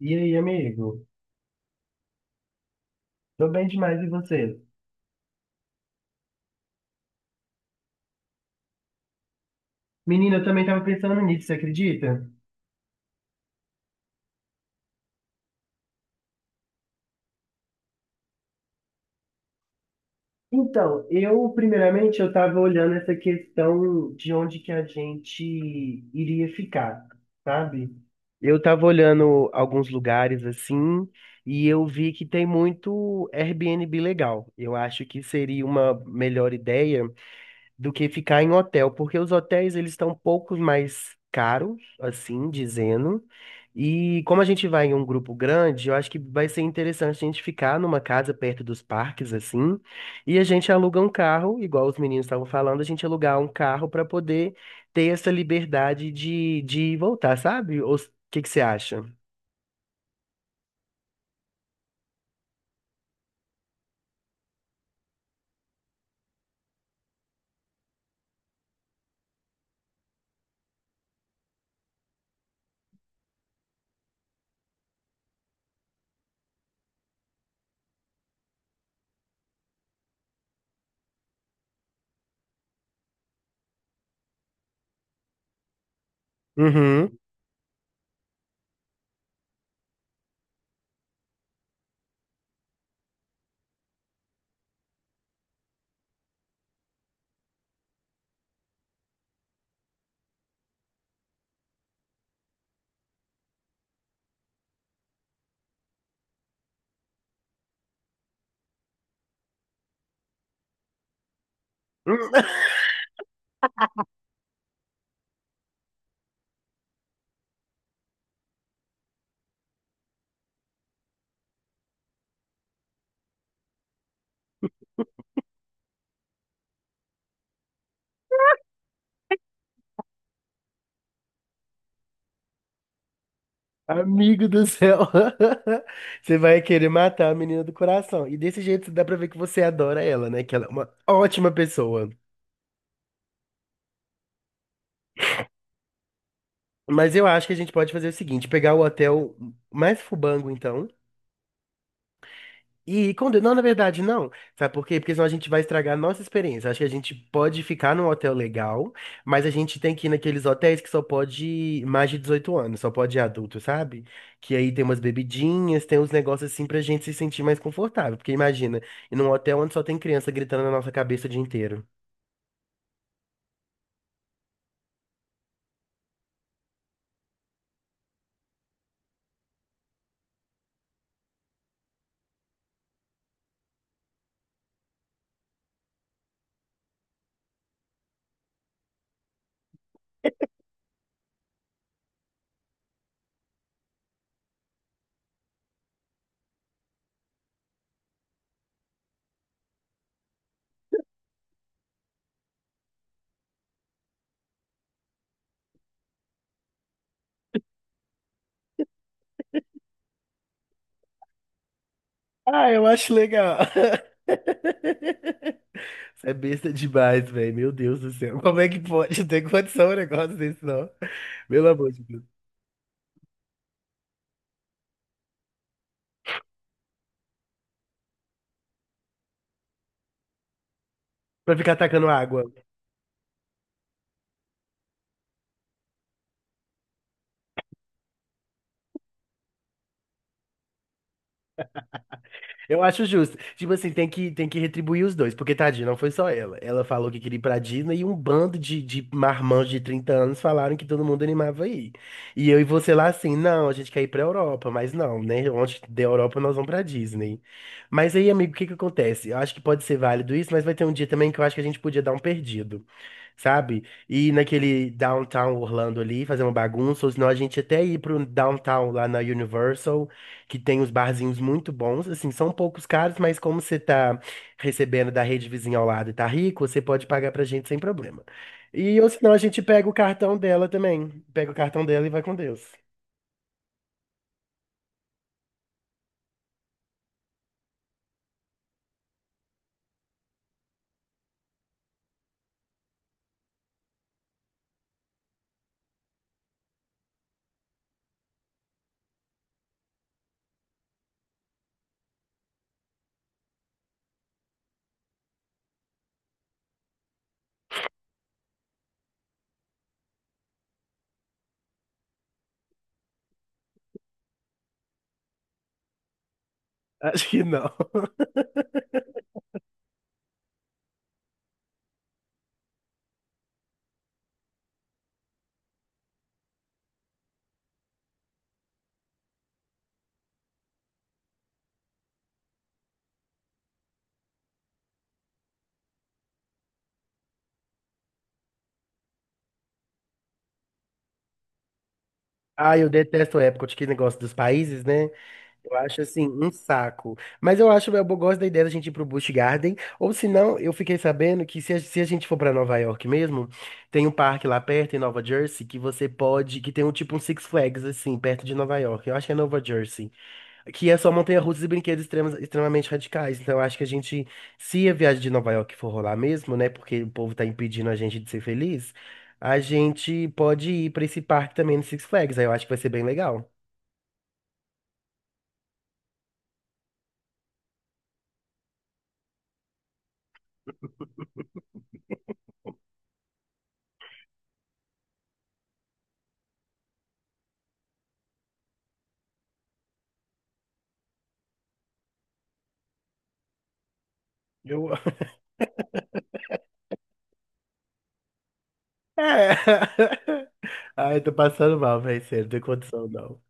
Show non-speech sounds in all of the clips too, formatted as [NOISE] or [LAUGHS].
E aí, amigo? Tô bem demais, e você? Menina, eu também tava pensando nisso, você acredita? Então, eu, primeiramente, eu tava olhando essa questão de onde que a gente iria ficar, sabe? Eu tava olhando alguns lugares assim, e eu vi que tem muito Airbnb legal. Eu acho que seria uma melhor ideia do que ficar em hotel, porque os hotéis eles estão um pouco mais caros, assim dizendo. E como a gente vai em um grupo grande, eu acho que vai ser interessante a gente ficar numa casa perto dos parques, assim, e a gente aluga um carro, igual os meninos estavam falando, a gente alugar um carro para poder ter essa liberdade de voltar, sabe? O que que você acha? Uhum. Amigo do céu, [LAUGHS] você vai querer matar a menina do coração. E desse jeito dá pra ver que você adora ela, né? Que ela é uma ótima pessoa. Mas eu acho que a gente pode fazer o seguinte: pegar o hotel mais fubango, então. E quando. Não, na verdade, não. Sabe por quê? Porque senão a gente vai estragar a nossa experiência. Acho que a gente pode ficar num hotel legal, mas a gente tem que ir naqueles hotéis que só pode ir mais de 18 anos, só pode ir adulto, sabe? Que aí tem umas bebidinhas, tem uns negócios assim pra gente se sentir mais confortável. Porque imagina, ir num hotel onde só tem criança gritando na nossa cabeça o dia inteiro. Ah, eu acho legal. [LAUGHS] Isso é besta demais, velho. Meu Deus do céu. Como é que pode ter condição um negócio desse, não? Pelo amor de Deus. Pra ficar atacando água. Eu acho justo. Tipo assim, tem que retribuir os dois, porque tadinha, não foi só ela. Ela falou que queria ir pra Disney e um bando de marmanjos de 30 anos falaram que todo mundo animava a ir. E eu e você lá assim, não, a gente quer ir pra Europa, mas não, né? Onde der Europa nós vamos pra Disney. Mas aí, amigo, o que que acontece? Eu acho que pode ser válido isso, mas vai ter um dia também que eu acho que a gente podia dar um perdido. Sabe? Ir naquele downtown Orlando ali, fazer uma bagunça, ou senão a gente até ir pro downtown lá na Universal, que tem uns barzinhos muito bons, assim, são poucos caros, mas como você tá recebendo da rede vizinha ao lado e tá rico, você pode pagar pra gente sem problema. E ou senão a gente pega o cartão dela também, pega o cartão dela e vai com Deus. [LAUGHS] Acho que não. [LAUGHS] Ah, eu detesto o Epcot, que negócio dos países, né? Eu acho assim um saco. Mas eu acho, eu gosto da ideia da gente ir pro Busch Garden. Ou se não, eu fiquei sabendo que se a gente for pra Nova York mesmo, tem um parque lá perto em Nova Jersey que você pode, que tem um tipo um Six Flags assim, perto de Nova York. Eu acho que é Nova Jersey, que é só montanha-russas e brinquedos extremamente radicais. Então eu acho que a gente, se a viagem de Nova York for rolar mesmo, né, porque o povo tá impedindo a gente de ser feliz, a gente pode ir pra esse parque também no Six Flags. Aí eu acho que vai ser bem legal. [LAUGHS] Eu... [LAUGHS] É. Ai, tô passando mal, velho. Sério, não tem condição, não.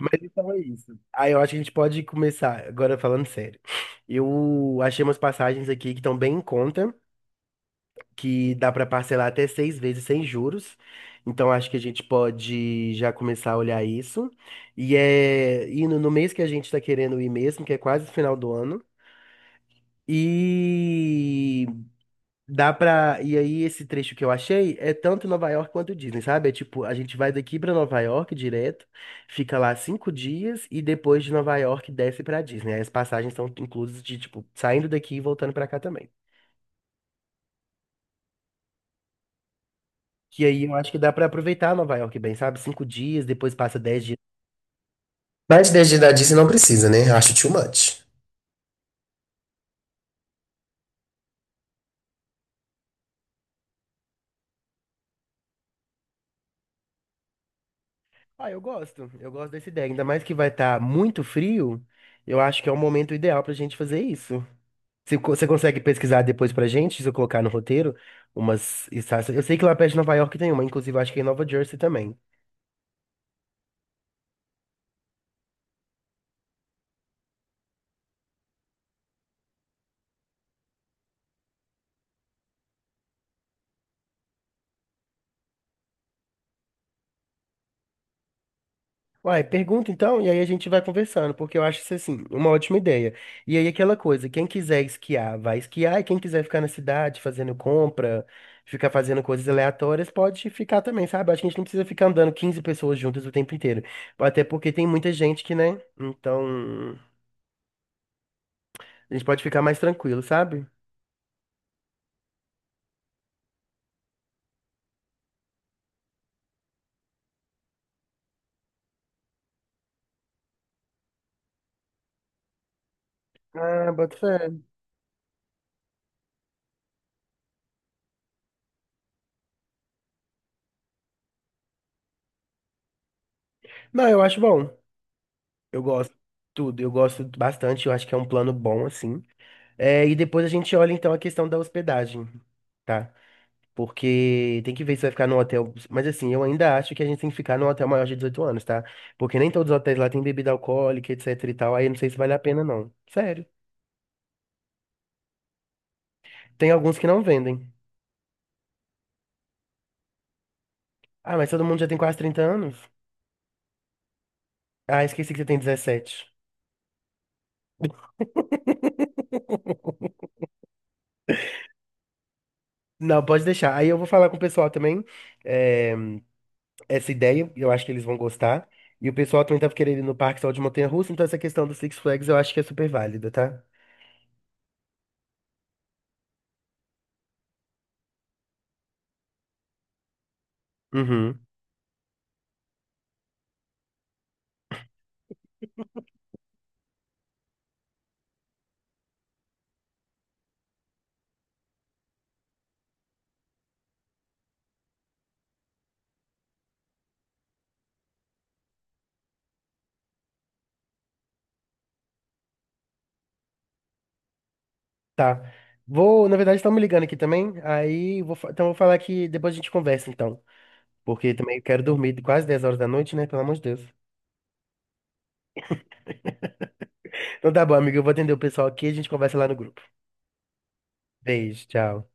Mas então é isso. Aí eu acho que a gente pode começar, agora falando sério. Eu achei umas passagens aqui que estão bem em conta, que dá pra parcelar até seis vezes sem juros. Então acho que a gente pode já começar a olhar isso. E é indo no mês que a gente tá querendo ir mesmo, que é quase o final do ano. E dá pra. E aí, esse trecho que eu achei é tanto Nova York quanto Disney, sabe? É tipo, a gente vai daqui pra Nova York direto, fica lá 5 dias e depois de Nova York desce pra Disney. Aí as passagens estão inclusas de, tipo, saindo daqui e voltando pra cá também. Que aí eu acho que dá pra aproveitar Nova York bem, sabe? 5 dias, depois passa 10 dias. Mas desde da Disney não precisa, né? Acho too much. Ah, eu gosto. Eu gosto dessa ideia. Ainda mais que vai estar muito frio, eu acho que é o momento ideal pra gente fazer isso. Você consegue pesquisar depois pra gente, se eu colocar no roteiro, umas estácias. Eu sei que lá perto de Nova York tem uma, inclusive acho que é em Nova Jersey também. Uai, pergunta então, e aí a gente vai conversando, porque eu acho isso assim, uma ótima ideia. E aí aquela coisa, quem quiser esquiar, vai esquiar, e quem quiser ficar na cidade fazendo compra, ficar fazendo coisas aleatórias, pode ficar também, sabe? Acho que a gente não precisa ficar andando 15 pessoas juntas o tempo inteiro. Até porque tem muita gente que, né? Então, a gente pode ficar mais tranquilo, sabe? Ah, bota fé. Não, eu acho bom. Eu gosto de tudo, eu gosto bastante, eu acho que é um plano bom, assim. É, e depois a gente olha então a questão da hospedagem, tá? Porque tem que ver se vai ficar no hotel. Mas assim, eu ainda acho que a gente tem que ficar no hotel maior de 18 anos, tá? Porque nem todos os hotéis lá têm bebida alcoólica, etc e tal. Aí eu não sei se vale a pena, não. Sério. Tem alguns que não vendem. Ah, mas todo mundo já tem quase 30 anos? Ah, esqueci que você tem 17. Não, pode deixar. Aí eu vou falar com o pessoal também. É, essa ideia, e eu acho que eles vão gostar. E o pessoal também tava querendo ir no parque só de montanha-russa, então essa questão do Six Flags eu acho que é super válida, tá? Uhum. Tá. Vou, na verdade, estão me ligando aqui também. Aí, então vou falar que depois a gente conversa, então. Porque também quero dormir quase 10 horas da noite, né? Pelo amor de Deus. Então tá bom, amigo. Eu vou atender o pessoal aqui e a gente conversa lá no grupo. Beijo, tchau.